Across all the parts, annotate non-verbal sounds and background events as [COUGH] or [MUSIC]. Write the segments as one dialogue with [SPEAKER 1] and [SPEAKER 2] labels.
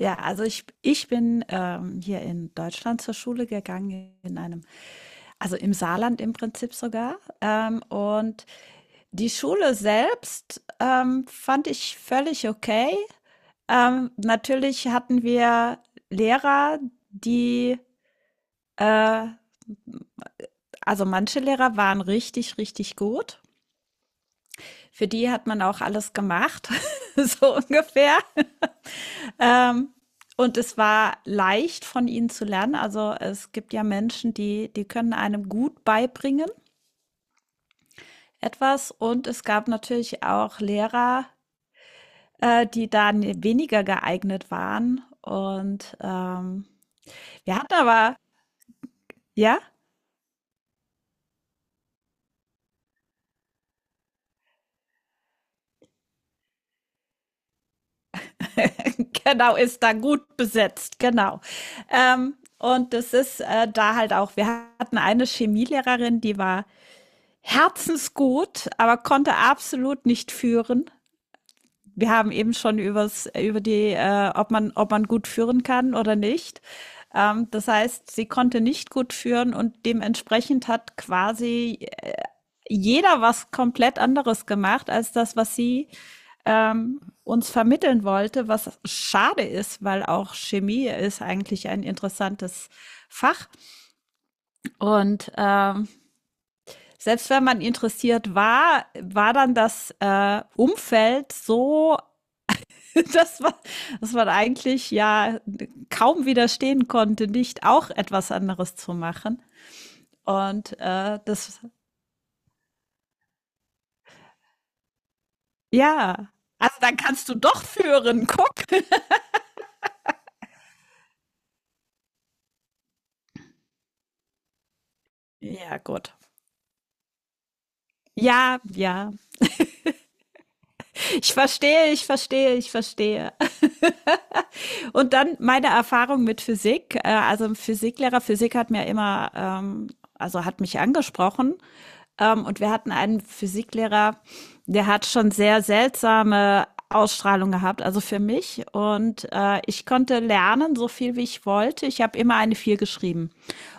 [SPEAKER 1] Ja, also ich bin, hier in Deutschland zur Schule gegangen in einem also im Saarland im Prinzip sogar, und die Schule selbst, fand ich völlig okay. Natürlich hatten wir Lehrer, die äh, also manche Lehrer waren richtig, richtig gut. Für die hat man auch alles gemacht, [LAUGHS] so ungefähr. Ähm, und es war leicht von ihnen zu lernen. Also es gibt ja Menschen, die können einem gut beibringen etwas. Und es gab natürlich auch Lehrer, die da weniger geeignet waren. Und wir hatten aber, ja, [LAUGHS] genau, ist da gut besetzt, genau. Und das ist da halt auch, wir hatten eine Chemielehrerin, die war herzensgut, aber konnte absolut nicht führen. Wir haben eben schon übers, über die, ob man gut führen kann oder nicht. Das heißt, sie konnte nicht gut führen und dementsprechend hat quasi jeder was komplett anderes gemacht als das, was sie uns vermitteln wollte, was schade ist, weil auch Chemie ist eigentlich ein interessantes Fach. Und selbst wenn man interessiert war, war dann das Umfeld so. [LAUGHS] Das war, dass man eigentlich ja kaum widerstehen konnte, nicht auch etwas anderes zu machen. Und das, ja, also dann kannst du doch führen, guck. Ja, gut. Ja, ja. Ich verstehe, ich verstehe, ich verstehe. Und dann meine Erfahrung mit Physik. Also ein Physiklehrer, Physik hat mir immer, also hat mich angesprochen. Und wir hatten einen Physiklehrer, der hat schon sehr seltsame Ausstrahlung gehabt, also für mich. Und ich konnte lernen, so viel wie ich wollte. Ich habe immer eine 4 geschrieben.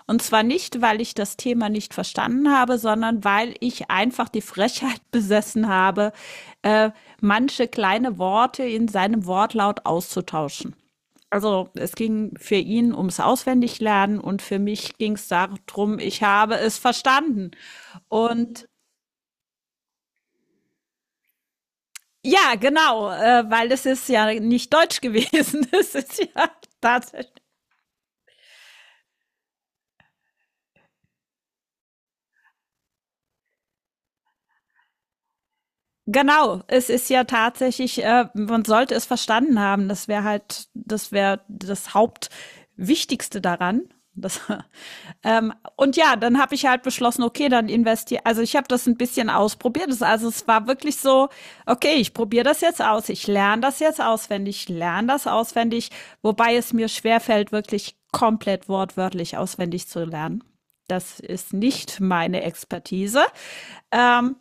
[SPEAKER 1] Und zwar nicht, weil ich das Thema nicht verstanden habe, sondern weil ich einfach die Frechheit [LAUGHS] besessen habe, äh, manche kleine Worte in seinem Wortlaut auszutauschen. Also es ging für ihn ums Auswendiglernen und für mich ging es darum, ich habe es verstanden. Und ja, genau, weil es ist ja nicht Deutsch gewesen. [LAUGHS] Es ist ja tatsächlich Genau, es ist ja tatsächlich, man sollte es verstanden haben, das wäre halt, das wäre das Hauptwichtigste daran. Das, [LAUGHS] und ja, dann habe ich halt beschlossen, okay, dann investiere. Also ich habe das ein bisschen ausprobiert. Das, also es war wirklich so, okay, ich probiere das jetzt aus, ich lerne das jetzt auswendig, ich lerne das auswendig, wobei es mir schwerfällt, wirklich komplett wortwörtlich auswendig zu lernen. Das ist nicht meine Expertise. Ähm,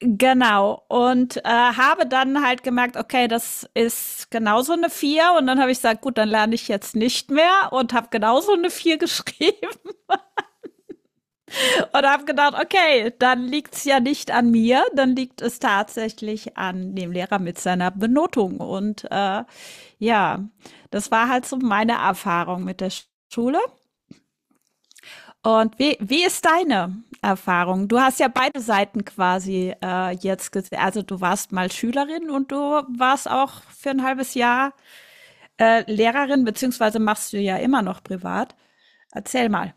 [SPEAKER 1] Genau. Und habe dann halt gemerkt, okay, das ist genauso eine vier. Und dann habe ich gesagt, gut, dann lerne ich jetzt nicht mehr und habe genauso eine vier [LAUGHS] geschrieben und habe gedacht, okay, dann liegt's ja nicht an mir, dann liegt es tatsächlich an dem Lehrer mit seiner Benotung. Und ja, das war halt so meine Erfahrung mit der Schule. Und wie ist deine Erfahrung? Du hast ja beide Seiten quasi jetzt gesehen. Also du warst mal Schülerin und du warst auch für ein halbes Jahr Lehrerin, beziehungsweise machst du ja immer noch privat. Erzähl mal.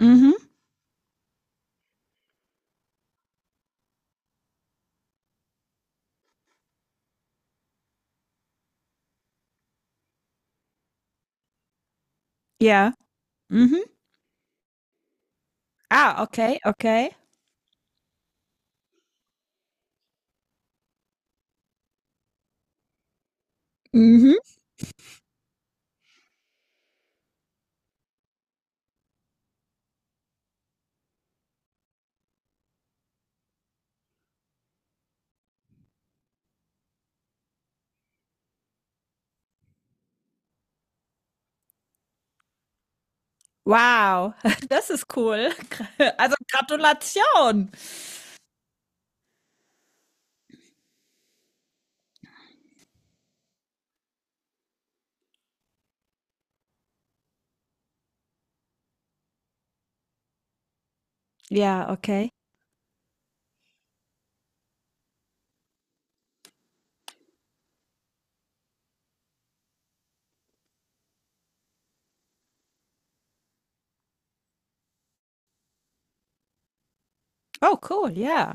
[SPEAKER 1] Mhm. Ja. Mhm. Ah, okay, okay. Mhm. Wow, [LAUGHS] das ist cool. [LAUGHS] Also Gratulation. Ja, okay. Oh, cool, ja.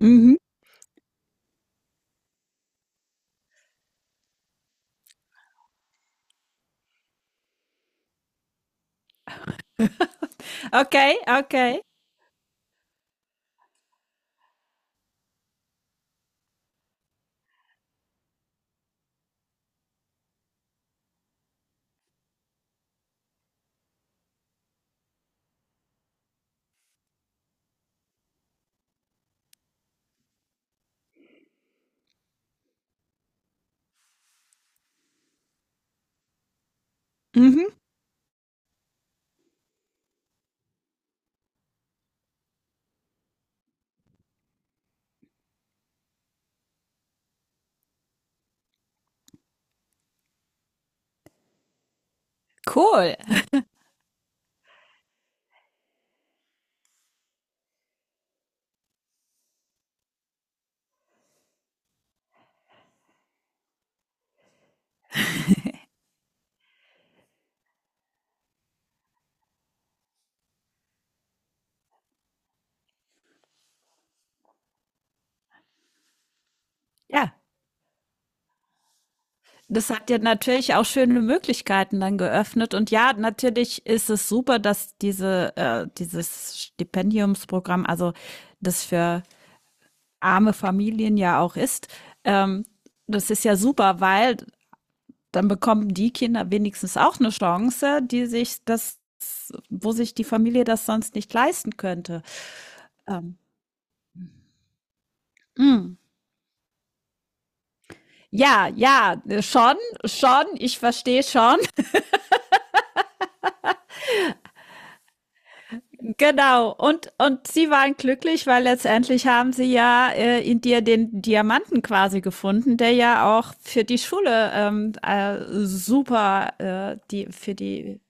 [SPEAKER 1] Mhm. Okay, okay. Mhm. Cool. Ja. Das hat ja natürlich auch schöne Möglichkeiten dann geöffnet. Und ja, natürlich ist es super, dass diese, dieses Stipendiumsprogramm, also das für arme Familien ja auch ist, ähm, das ist ja super, weil dann bekommen die Kinder wenigstens auch eine Chance, wo sich die Familie das sonst nicht leisten könnte. Ähm, mm. Ja, ja, schon, schon, ich verstehe schon. Genau, und sie waren glücklich, weil letztendlich haben sie ja in dir den Diamanten quasi gefunden, der ja auch für die Schule super, die, für die.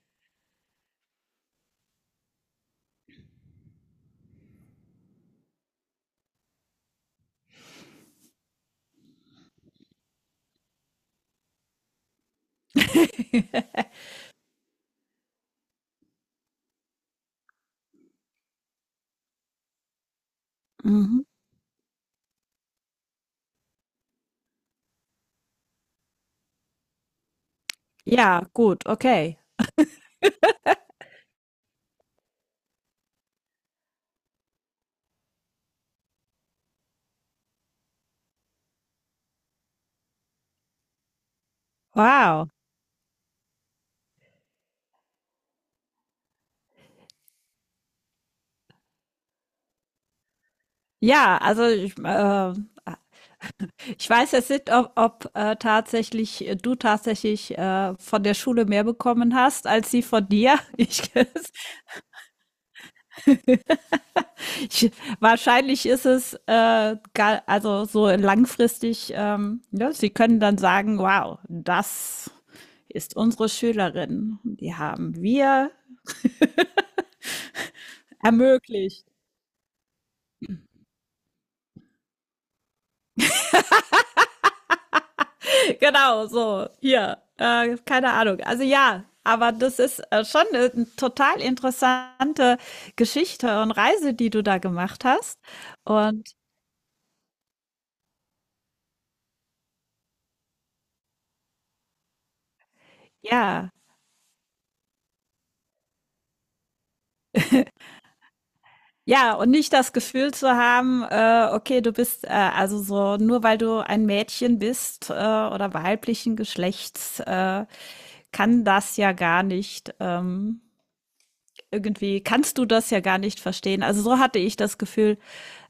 [SPEAKER 1] Mhm. Ja, gut, okay. Wow. Ja, also ich weiß jetzt nicht, ob tatsächlich du tatsächlich von der Schule mehr bekommen hast als sie von dir. [LAUGHS] Ich, Ich, wahrscheinlich ist es also so langfristig, ja, sie können dann sagen, wow, das ist unsere Schülerin. Die haben wir ermöglicht. Genau, so, hier, keine Ahnung. Also ja, aber das ist schon eine total interessante Geschichte und Reise, die du da gemacht hast. Und ja, ja, und nicht das Gefühl zu haben, okay, du bist also so, nur weil du ein Mädchen bist oder weiblichen Geschlechts, kann das ja gar nicht, irgendwie, kannst du das ja gar nicht verstehen. Also so hatte ich das Gefühl,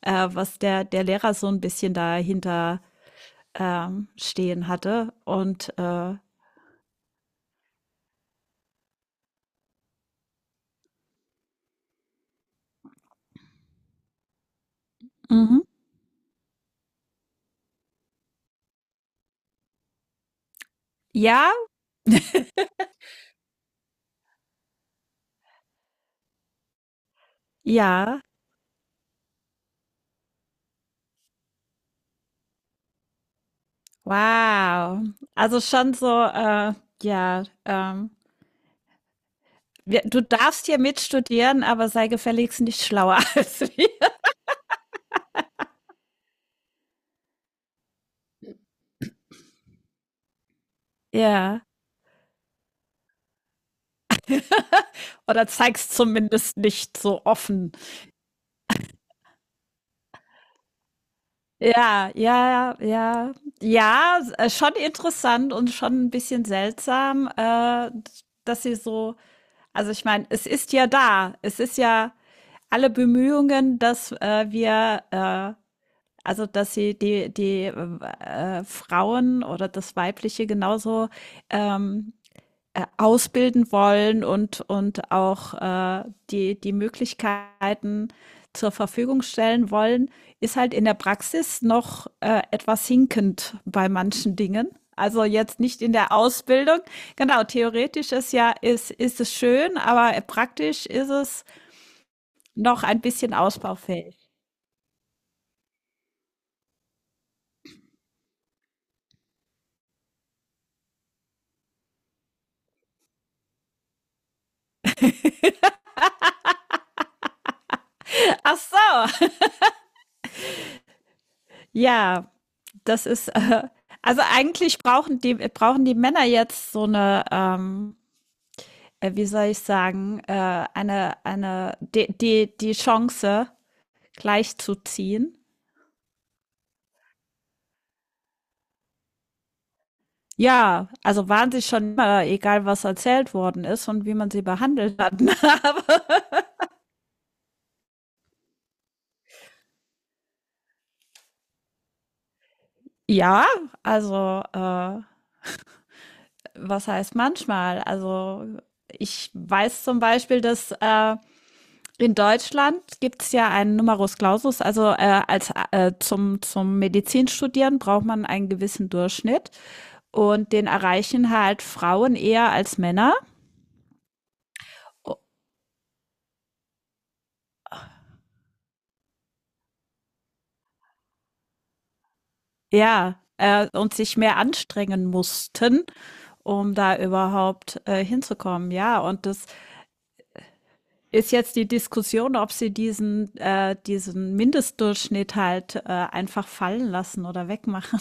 [SPEAKER 1] was der Lehrer so ein bisschen dahinter stehen hatte. Und mhm. Ja, ja, wow. Also schon so, ja, du darfst hier mitstudieren, aber sei gefälligst nicht schlauer [LAUGHS] als wir. Ja. Oder zeigst zumindest nicht so offen. Ja, ja, ja. Ja, schon interessant und schon ein bisschen seltsam, dass sie so, also ich meine, es ist ja da. Es ist ja alle Bemühungen, dass wir, also dass sie die Frauen oder das Weibliche genauso ähm, ausbilden wollen und, und auch die Möglichkeiten zur Verfügung stellen wollen, ist halt in der Praxis noch etwas hinkend bei manchen Dingen. Also jetzt nicht in der Ausbildung. Genau, theoretisch ist es schön, aber praktisch ist es noch ein bisschen ausbaufähig. Ach so, ja, das ist, also eigentlich brauchen die Männer jetzt so eine, wie soll ich sagen, die Chance gleichzuziehen. Ja, also waren sie schon immer, egal was erzählt worden ist und wie man sie behandelt hat. [LAUGHS] Aber ja, also was heißt manchmal? Also ich weiß zum Beispiel, dass in Deutschland gibt es ja einen Numerus Clausus, also als zum Medizinstudieren braucht man einen gewissen Durchschnitt und den erreichen halt Frauen eher als Männer. O- Ja, und sich mehr anstrengen mussten, um da überhaupt hinzukommen. Ja, und das ist jetzt die Diskussion, ob sie diesen Mindestdurchschnitt halt einfach fallen lassen oder wegmachen,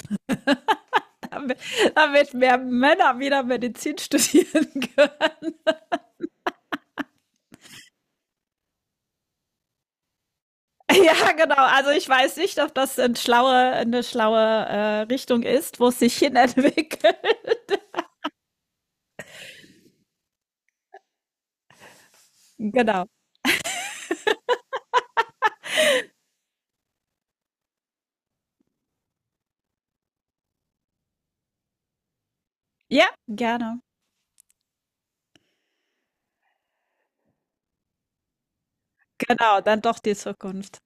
[SPEAKER 1] [LAUGHS] damit, damit mehr Männer wieder Medizin [LAUGHS] studieren können. [LAUGHS] Ja, genau. Also ich weiß nicht, ob das eine schlaue Richtung ist, wo es sich hin entwickelt. [LAUGHS] Genau. Ja, gerne. Genau, dann doch die Zukunft.